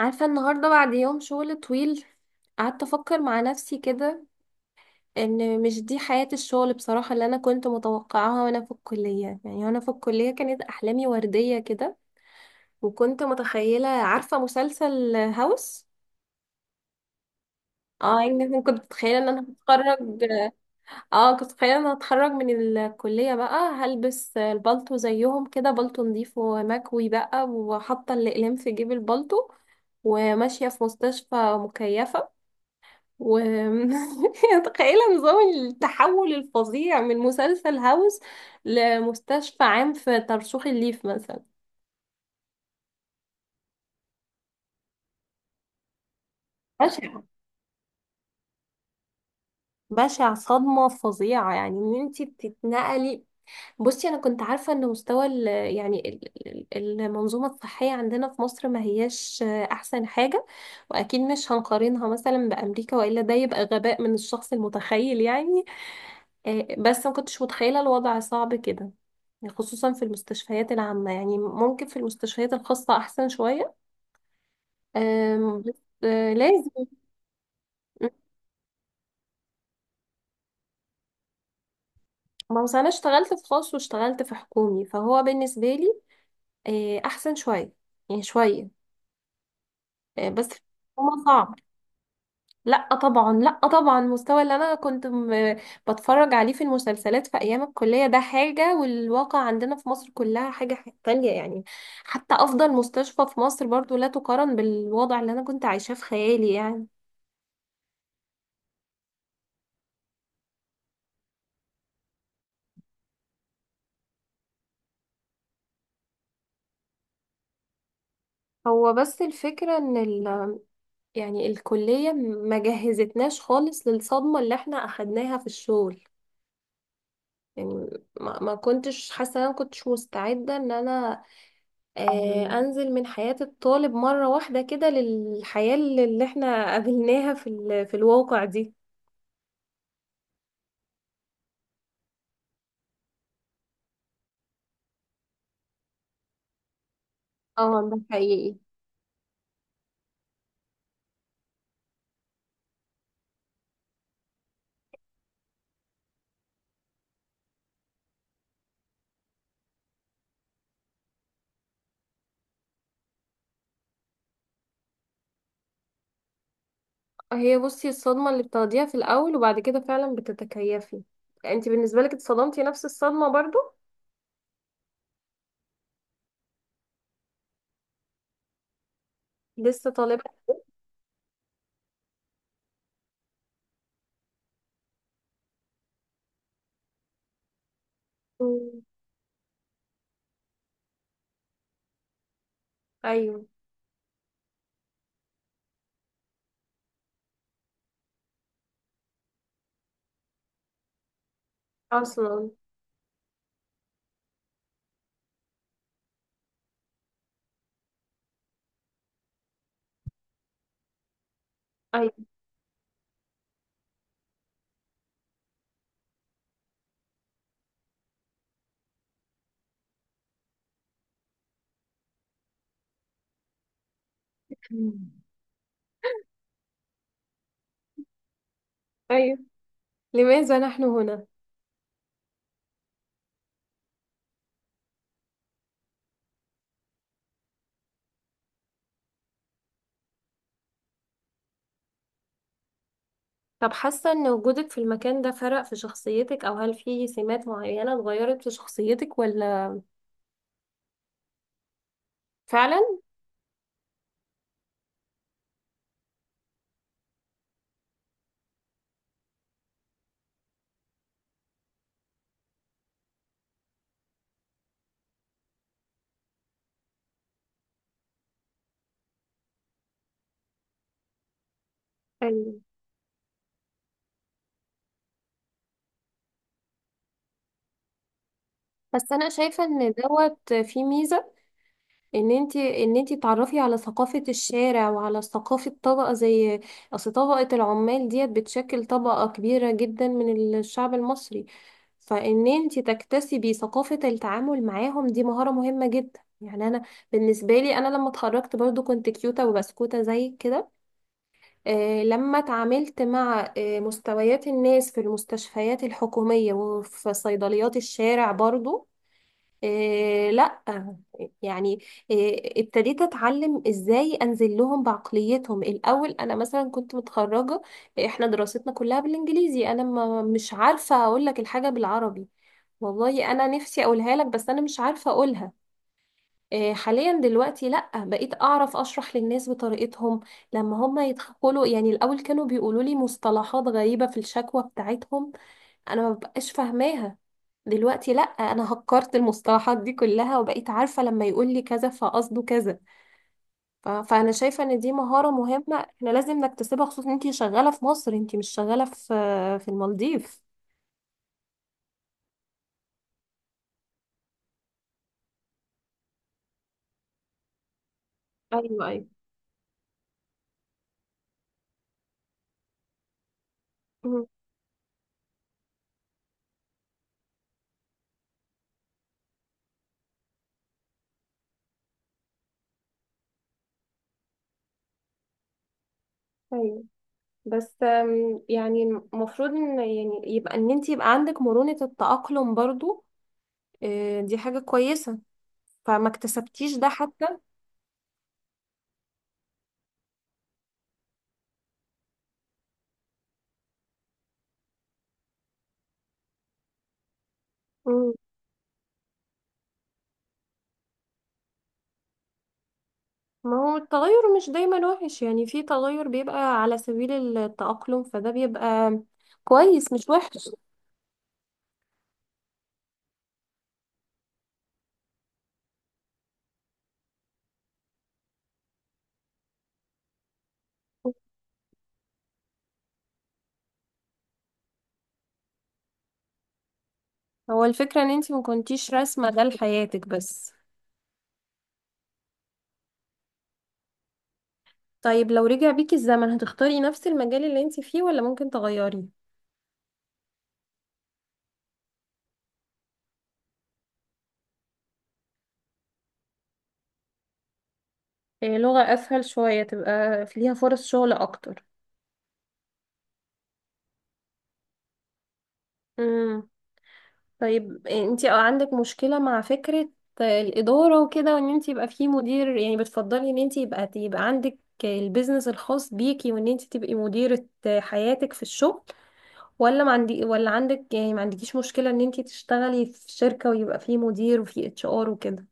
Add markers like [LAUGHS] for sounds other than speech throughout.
عارفة، النهاردة بعد يوم شغل طويل قعدت أفكر مع نفسي كده، إن مش دي حياة الشغل بصراحة اللي أنا كنت متوقعاها وأنا في الكلية. يعني وأنا في الكلية كانت أحلامي وردية كده، وكنت متخيلة، عارفة، مسلسل هاوس. يعني كنت متخيلة ان انا هتخرج من الكلية، بقى هلبس البالتو زيهم كده، بالتو نضيف ومكوي بقى، وحاطة الأقلام في جيب البالتو، وماشية في مستشفى مكيفة و [LAUGHS] متخيلة نظام التحول الفظيع من مسلسل هاوس لمستشفى عام في ترسوخ الليف مثلا. بشع. بشع، صدمة فظيعة، يعني ان انتي بتتنقلي. بصي، انا كنت عارفة ان مستوى يعني المنظومة الصحية عندنا في مصر ما هياش احسن حاجة، واكيد مش هنقارنها مثلا بامريكا، والا ده يبقى غباء من الشخص المتخيل يعني. بس ما كنتش متخيلة الوضع صعب كده، خصوصا في المستشفيات العامة. يعني ممكن في المستشفيات الخاصة أحسن شوية. بس. آه، لازم. م- ما هو أنا اشتغلت في خاص واشتغلت في حكومي، فهو بالنسبة لي أحسن شوية، يعني شوية. بس هو صعب. لا طبعا، لا طبعا، المستوى اللي انا كنت بتفرج عليه في المسلسلات في ايام الكليه ده حاجه، والواقع عندنا في مصر كلها حاجه تانية يعني. حتى افضل مستشفى في مصر برضو لا تقارن بالوضع اللي انا كنت عايشاه في خيالي يعني. هو بس الفكره ان يعني الكليه ما جهزتناش خالص للصدمه اللي احنا اخدناها في الشغل. يعني ما كنتش حاسه إن انا ما كنتش مستعده ان انا، انزل من حياة الطالب مرة واحدة كده للحياة اللي احنا قابلناها في في الواقع دي. اه، ده حقيقي. هي بصي، الصدمة اللي بتاخديها في الاول وبعد كده فعلا بتتكيفي. انت بالنسبة لك اتصدمتي نفس الصدمة برضو؟ لسه طالبة. مم. [LAUGHS] ايوه. اصلا ايوه. [LAUGHS] ايوه. لماذا نحن هنا؟ طب حاسة ان وجودك في المكان ده فرق في شخصيتك، او هل في سمات معينة اتغيرت في شخصيتك ولا؟ فعلا. ايوه، بس انا شايفه ان دوت فيه ميزه، ان انت تعرفي على ثقافه الشارع، وعلى ثقافه طبقه زي، اصل طبقه العمال ديت بتشكل طبقه كبيره جدا من الشعب المصري. فان انت تكتسبي ثقافه التعامل معاهم، دي مهاره مهمه جدا. يعني بالنسبه لي انا لما اتخرجت برضو كنت كيوته وبسكوته زي كده. لما اتعاملت مع مستويات الناس في المستشفيات الحكوميه وفي صيدليات الشارع برضو، إيه، لا، يعني، إيه، ابتديت اتعلم ازاي انزل لهم بعقليتهم. الاول انا مثلا كنت متخرجه، احنا دراستنا كلها بالانجليزي، انا ما مش عارفه اقول لك الحاجه بالعربي. والله انا نفسي اقولها لك بس انا مش عارفه اقولها. إيه، حاليا دلوقتي لا، بقيت اعرف اشرح للناس بطريقتهم لما هم يدخلوا. يعني الاول كانوا بيقولوا لي مصطلحات غريبه في الشكوى بتاعتهم، انا ما ببقاش فاهماها. دلوقتي لا، انا هكرت المصطلحات دي كلها، وبقيت عارفة لما يقول لي كذا فقصده كذا. فانا شايفة ان دي مهارة مهمة، احنا لازم نكتسبها، خصوصا انتي شغالة في مصر، انتي مش شغالة في المالديف. ايوه، ايوه. مم. ايوه، بس يعني المفروض ان، يعني يبقى ان انت يبقى عندك مرونة التأقلم برضو. دي حاجة كويسة. فما اكتسبتيش ده حتى. ما هو التغير مش دايما وحش، يعني في تغير بيبقى على سبيل التأقلم، فده بيبقى كويس مش وحش. هو الفكرة ان انتي ما كنتيش راسمة ده لحياتك بس. طيب، لو رجع بيكي الزمن هتختاري نفس المجال اللي انتي فيه ولا ممكن تغيري؟ إيه، لغة اسهل شوية، تبقى ليها فرص شغل اكتر. طيب، انتي عندك مشكلة مع فكرة الإدارة وكده، وان انتي يبقى فيه مدير؟ يعني بتفضلي ان انتي يبقى عندك البيزنس الخاص بيكي، وان انتي تبقي مديرة حياتك في الشغل، ولا ما عندي ولا عندك؟ يعني ما عندكيش مشكلة ان انتي تشتغلي في شركة ويبقى فيه مدير وفيه HR وكده؟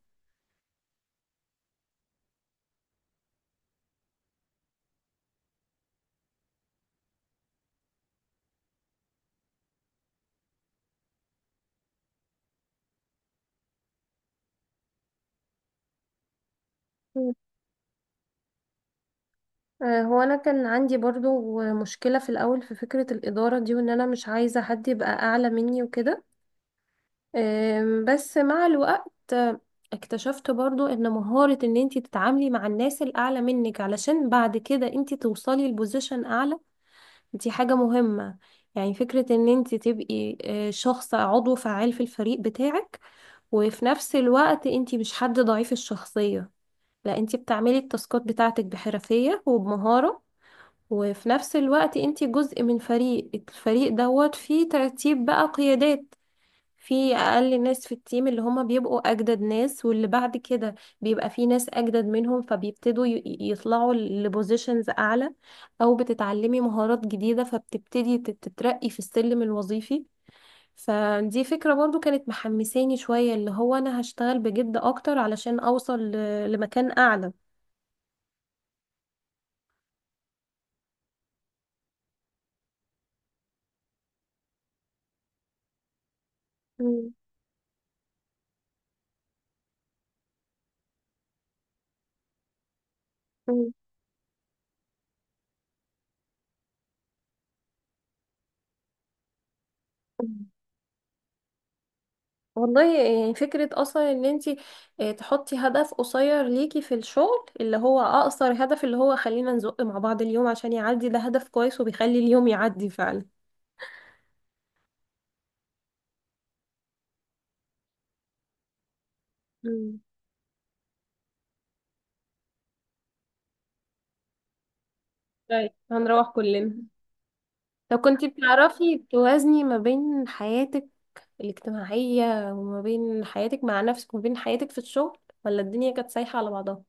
مم. هو انا كان عندي برضو مشكلة في الاول في فكرة الإدارة دي، وان انا مش عايزة حد يبقى اعلى مني وكده. بس مع الوقت اكتشفت برضو ان مهارة ان انتي تتعاملي مع الناس الاعلى منك علشان بعد كده انتي توصلي لبوزيشن اعلى دي حاجة مهمة. يعني فكرة ان انتي تبقي شخص، عضو فعال في الفريق بتاعك، وفي نفس الوقت انتي مش حد ضعيف الشخصية، لا، انتي بتعملي التاسكات بتاعتك بحرفية وبمهارة، وفي نفس الوقت انتي جزء من الفريق دوت فيه ترتيب بقى قيادات. في اقل ناس في التيم اللي هما بيبقوا اجدد ناس، واللي بعد كده بيبقى في ناس اجدد منهم فبيبتدوا يطلعوا لبوزيشنز اعلى. او بتتعلمي مهارات جديدة فبتبتدي تترقي في السلم الوظيفي. فدي فكرة برضو كانت محمساني شوية، اللي هو انا هشتغل بجد اكتر علشان اوصل لمكان اعلى. مم. مم. والله يعني فكرة اصلا ان انتي تحطي هدف قصير ليكي في الشغل، اللي هو اقصر هدف، اللي هو خلينا نزق مع بعض اليوم عشان يعدي، ده هدف كويس وبيخلي اليوم يعدي فعلا. مم. طيب، هنروح كلنا. طب كنتي بتعرفي توازني ما بين حياتك الاجتماعية وما بين حياتك مع نفسك وما بين حياتك في الشغل، ولا الدنيا كانت سايحة على بعضها؟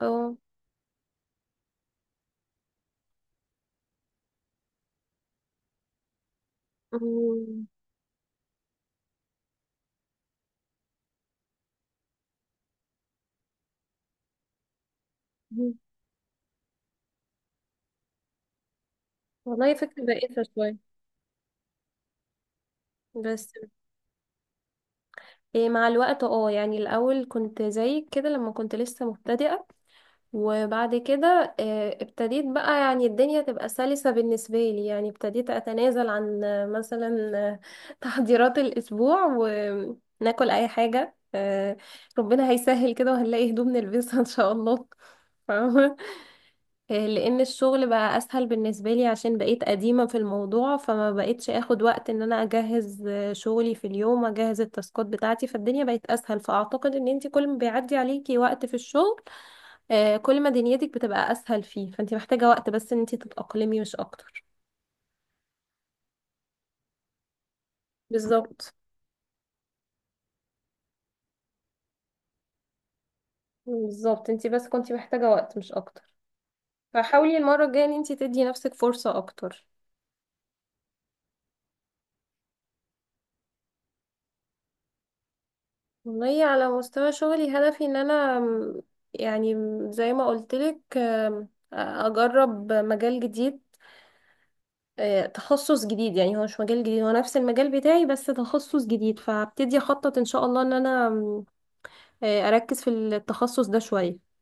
اه. مم. والله فكرة بائسة شوية بس. إيه مع الوقت يعني الاول كنت زيك كده لما كنت لسه مبتدئة، وبعد كده ابتديت بقى، يعني الدنيا تبقى سلسة بالنسبة لي. يعني ابتديت أتنازل عن مثلا [LAUGHS] تحضيرات الأسبوع، وناكل أي حاجة. ربنا هيسهل كده وهنلاقي هدوم نلبسها إن شاء الله. [LAUGHS] فاهمة؟ لأن الشغل بقى أسهل بالنسبة لي عشان بقيت قديمة في الموضوع، فما بقيتش أخد وقت إن أنا أجهز شغلي في اليوم، أجهز التاسكات بتاعتي، فالدنيا بقت أسهل. فأعتقد إن أنتي كل ما بيعدي عليكي وقت في الشغل، كل ما دنيتك بتبقى اسهل، فيه فانت محتاجه وقت بس ان انت تتاقلمي مش اكتر. بالظبط. بالظبط، انت بس كنتي محتاجه وقت مش اكتر، فحاولي المره الجايه ان انت تدي نفسك فرصه اكتر. والله على مستوى شغلي هدفي ان انا، يعني زي ما قلتلك، اجرب مجال جديد. تخصص جديد. يعني هو مش مجال جديد، هو نفس المجال بتاعي بس تخصص جديد. فهبتدي اخطط ان شاء الله ان انا، م، آه، اركز في التخصص ده شويه.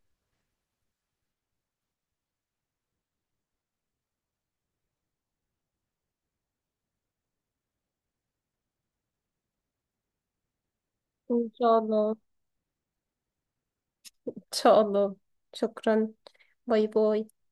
ان شاء الله. إن شاء الله. شكرا. باي باي.